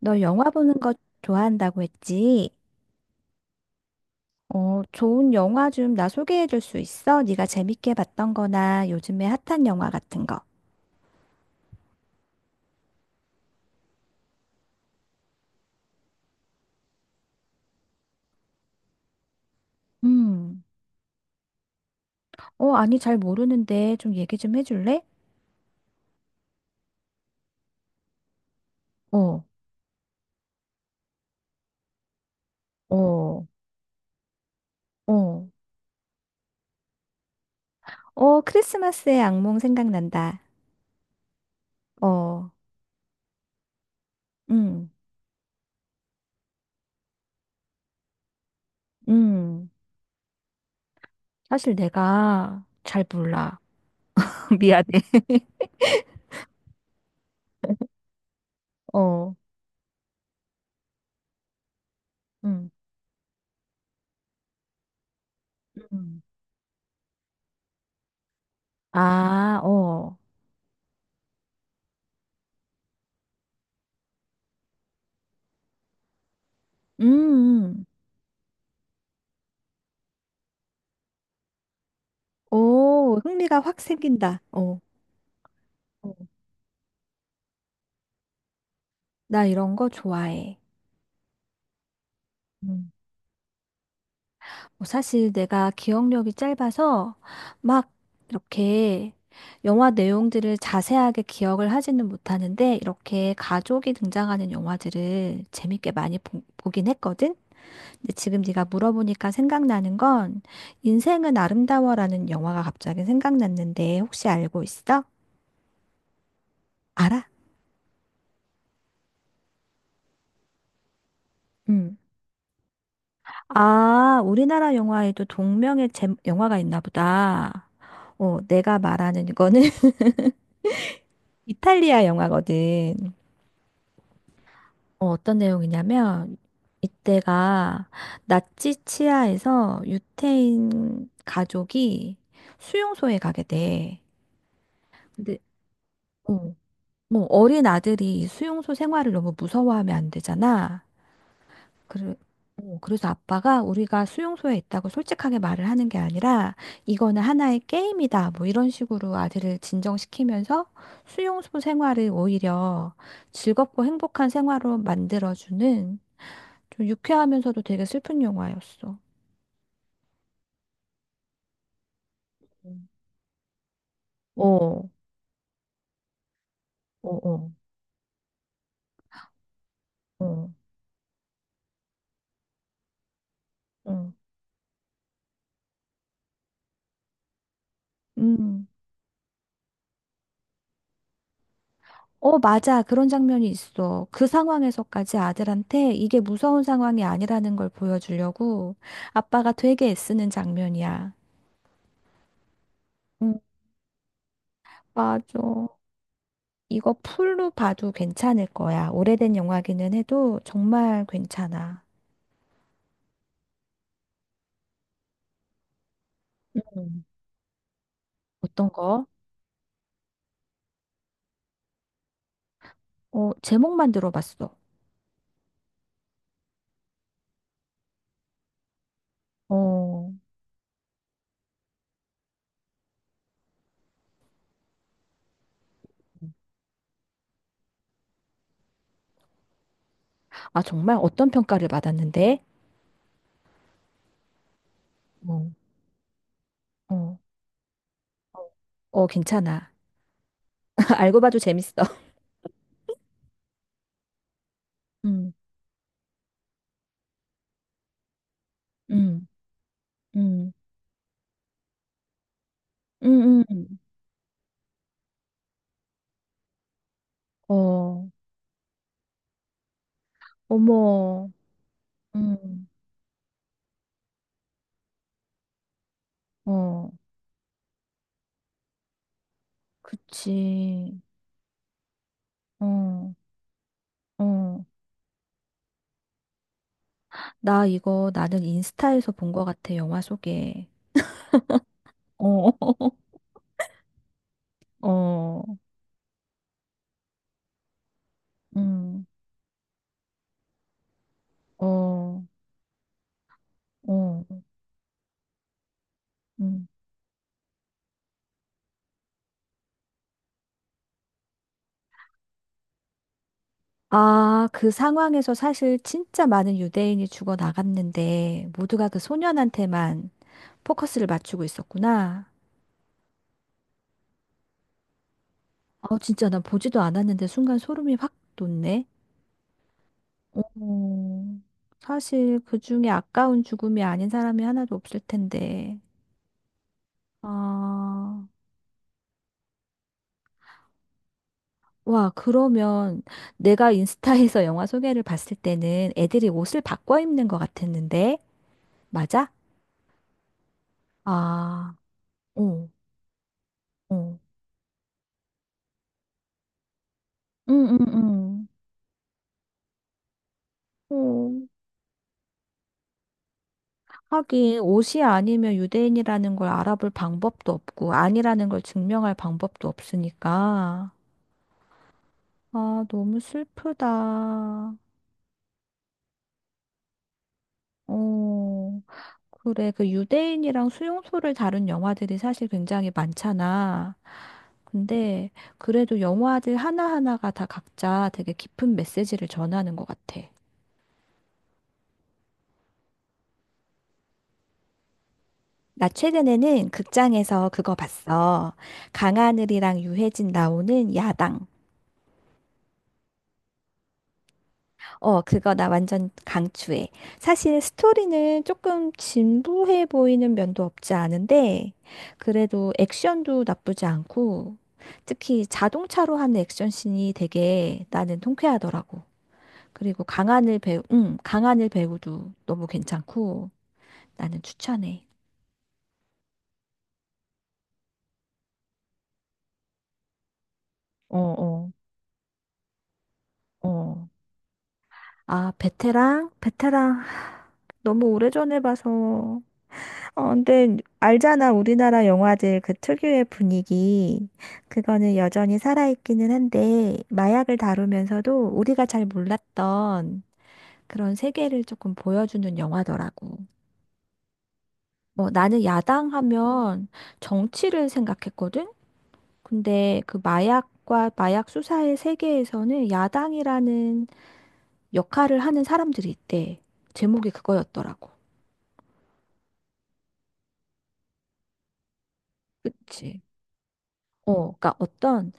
너 영화 보는 거 좋아한다고 했지? 어, 좋은 영화 좀 나 소개해 줄 수 있어? 네가 재밌게 봤던 거나 요즘에 핫한 영화 같은 거. 음. 어, 아니, 잘 모르는데 좀 얘기 좀 해줄래? 어, 어, 어. 어, 크리스마스의 악몽 생각난다. 어, 음, 음. 사실 내가 잘 몰라. 미안해. 어, 음, 음. 아, 어. 음, 음. 오, 흥미가 확 생긴다. 어. 어, 나 이런 거 좋아해. 음. 뭐 사실 내가 기억력이 짧아서 막 이렇게 영화 내용들을 자세하게 기억을 하지는 못하는데 이렇게 가족이 등장하는 영화들을 재밌게 많이 보긴 했거든. 근데 지금 네가 물어보니까 생각나는 건 인생은 아름다워라는 영화가 갑자기 생각났는데 혹시 알고 있어? 알아? 음. 아, 우리나라 영화에도 동명의 영화가 있나 보다. 어, 내가 말하는 이거는 이탈리아 영화거든. 어, 어떤 내용이냐면 이때가 나치 치하에서 유태인 가족이 수용소에 가게 돼. 근데 어, 뭐 어린 아들이 이 수용소 생활을 너무 무서워하면 안 되잖아. 그래, 어, 그래서 아빠가 우리가 수용소에 있다고 솔직하게 말을 하는 게 아니라 이거는 하나의 게임이다. 뭐 이런 식으로 아들을 진정시키면서 수용소 생활을 오히려 즐겁고 행복한 생활로 만들어주는 좀 유쾌하면서도 되게 슬픈 영화였어. 음. 어, 어, 어, 어, 어. 음. 어, 맞아. 그런 장면이 있어. 그 상황에서까지 아들한테 이게 무서운 상황이 아니라는 걸 보여주려고 아빠가 되게 애쓰는 장면이야. 음, 맞아. 이거 풀로 봐도 괜찮을 거야. 오래된 영화기는 해도 정말 괜찮아. 음, 어떤 거? 어, 제목만 들어봤어. 어, 아, 정말 어떤 평가를 받았는데? 어, 어, 어, 괜찮아. 알고 봐도 재밌어. 음, 음, 음, 음, 음. 어, 어머, 음, 어, 그치, 어, 어. 나 이거 나는 인스타에서 본 거 같아, 영화 소개. 어, 어, 음, 어, 어, 음, 아, 그 상황에서 사실 진짜 많은 유대인이 죽어 나갔는데 모두가 그 소년한테만 포커스를 맞추고 있었구나. 아, 진짜 난 보지도 않았는데 순간 소름이 확 돋네. 어, 사실 그 중에 아까운 죽음이 아닌 사람이 하나도 없을 텐데. 아, 와, 그러면 내가 인스타에서 영화 소개를 봤을 때는 애들이 옷을 바꿔 입는 것 같았는데? 맞아? 아, 응, 응, 응, 응, 응. 응. 하긴 옷이 아니면 유대인이라는 걸 알아볼 방법도 없고 아니라는 걸 증명할 방법도 없으니까. 아, 너무 슬프다. 어, 그래. 그 유대인이랑 수용소를 다룬 영화들이 사실 굉장히 많잖아. 근데 그래도 영화들 하나하나가 다 각자 되게 깊은 메시지를 전하는 것 같아. 나 최근에는 극장에서 그거 봤어. 강하늘이랑 유해진 나오는 야당. 어, 그거 나 완전 강추해. 사실 스토리는 조금 진부해 보이는 면도 없지 않은데, 그래도 액션도 나쁘지 않고, 특히 자동차로 하는 액션 씬이 되게 나는 통쾌하더라고. 그리고 강하늘 배우, 강하늘 배우도 너무 괜찮고, 나는 추천해. 어, 어, 어. 아, 베테랑? 베테랑. 하, 너무 오래전에 봐서. 어, 근데 알잖아. 우리나라 영화들 그 특유의 분위기. 그거는 여전히 살아있기는 한데, 마약을 다루면서도 우리가 잘 몰랐던 그런 세계를 조금 보여주는 영화더라고. 뭐 나는 야당하면 정치를 생각했거든? 근데 그 마약과 마약 수사의 세계에서는 야당이라는 역할을 하는 사람들이 있대. 제목이 그거였더라고. 그치. 어, 그러니까 어떤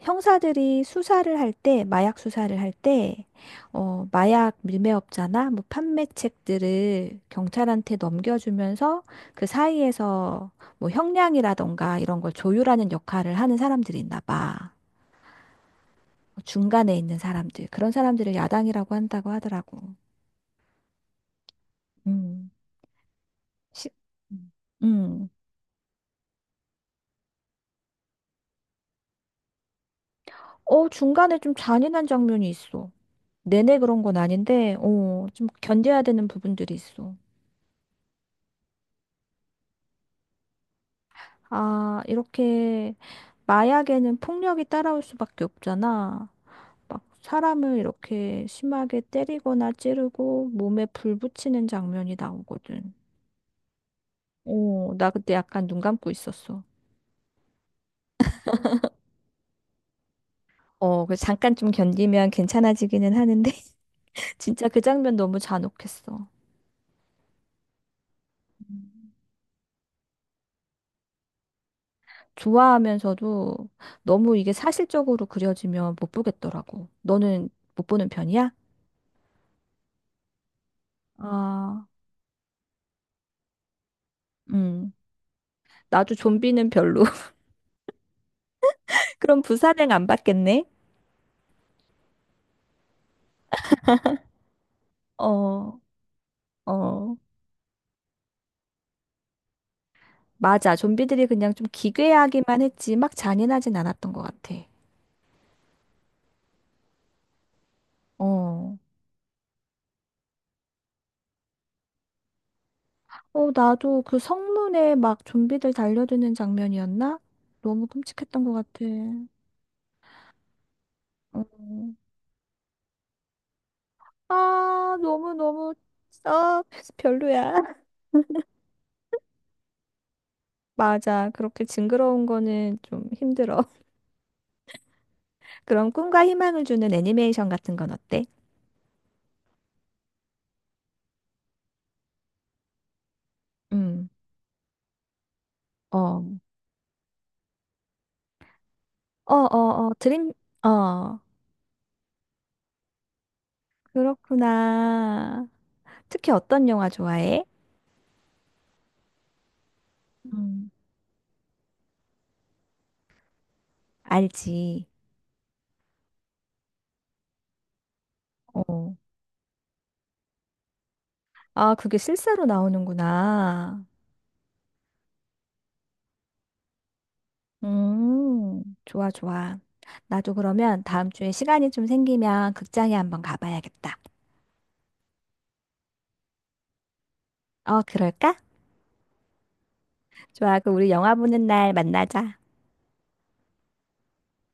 형사들이 수사를 할 때, 마약 수사를 할 때, 어, 마약 밀매업자나 뭐 판매책들을 경찰한테 넘겨주면서 그 사이에서 뭐 형량이라던가 이런 걸 조율하는 역할을 하는 사람들이 있나 봐. 뭐 중간에 있는 사람들. 그런 사람들을 야당이라고 한다고 하더라고. 음. 시- 음. 음. 어, 중간에 좀 잔인한 장면이 있어. 내내 그런 건 아닌데, 어, 좀 견뎌야 되는 부분들이 있어. 아, 이렇게 마약에는 폭력이 따라올 수밖에 없잖아. 막 사람을 이렇게 심하게 때리거나 찌르고 몸에 불 붙이는 장면이 나오거든. 어, 나 그때 약간 눈 감고 있었어. 어, 그래서 잠깐 좀 견디면 괜찮아지기는 하는데, 진짜 그 장면 너무 잔혹했어. 좋아하면서도 너무 이게 사실적으로 그려지면 못 보겠더라고. 너는 못 보는 편이야? 아, 음, 나도 좀비는 별로. 그럼 부산행 안 받겠네? 어, 어, 맞아. 좀비들이 그냥 좀 기괴하기만 했지, 막 잔인하진 않았던 것 같아. 어, 어, 나도 그 성문에 막 좀비들 달려드는 장면이었나? 너무 끔찍했던 것 같아. 어. 아, 너무너무, 아, 별로야. 맞아. 그렇게 징그러운 거는 좀 힘들어. 그럼 꿈과 희망을 주는 애니메이션 같은 건 어때? 음. 어. 어, 어, 어, 드림, 어, 그렇구나. 특히 어떤 영화 좋아해? 음. 알지. 어. 아, 그게 실사로 나오는구나. 좋아, 좋아. 나도 그러면 다음 주에 시간이 좀 생기면 극장에 한번 가봐야겠다. 어, 그럴까? 좋아, 그 우리 영화 보는 날 만나자.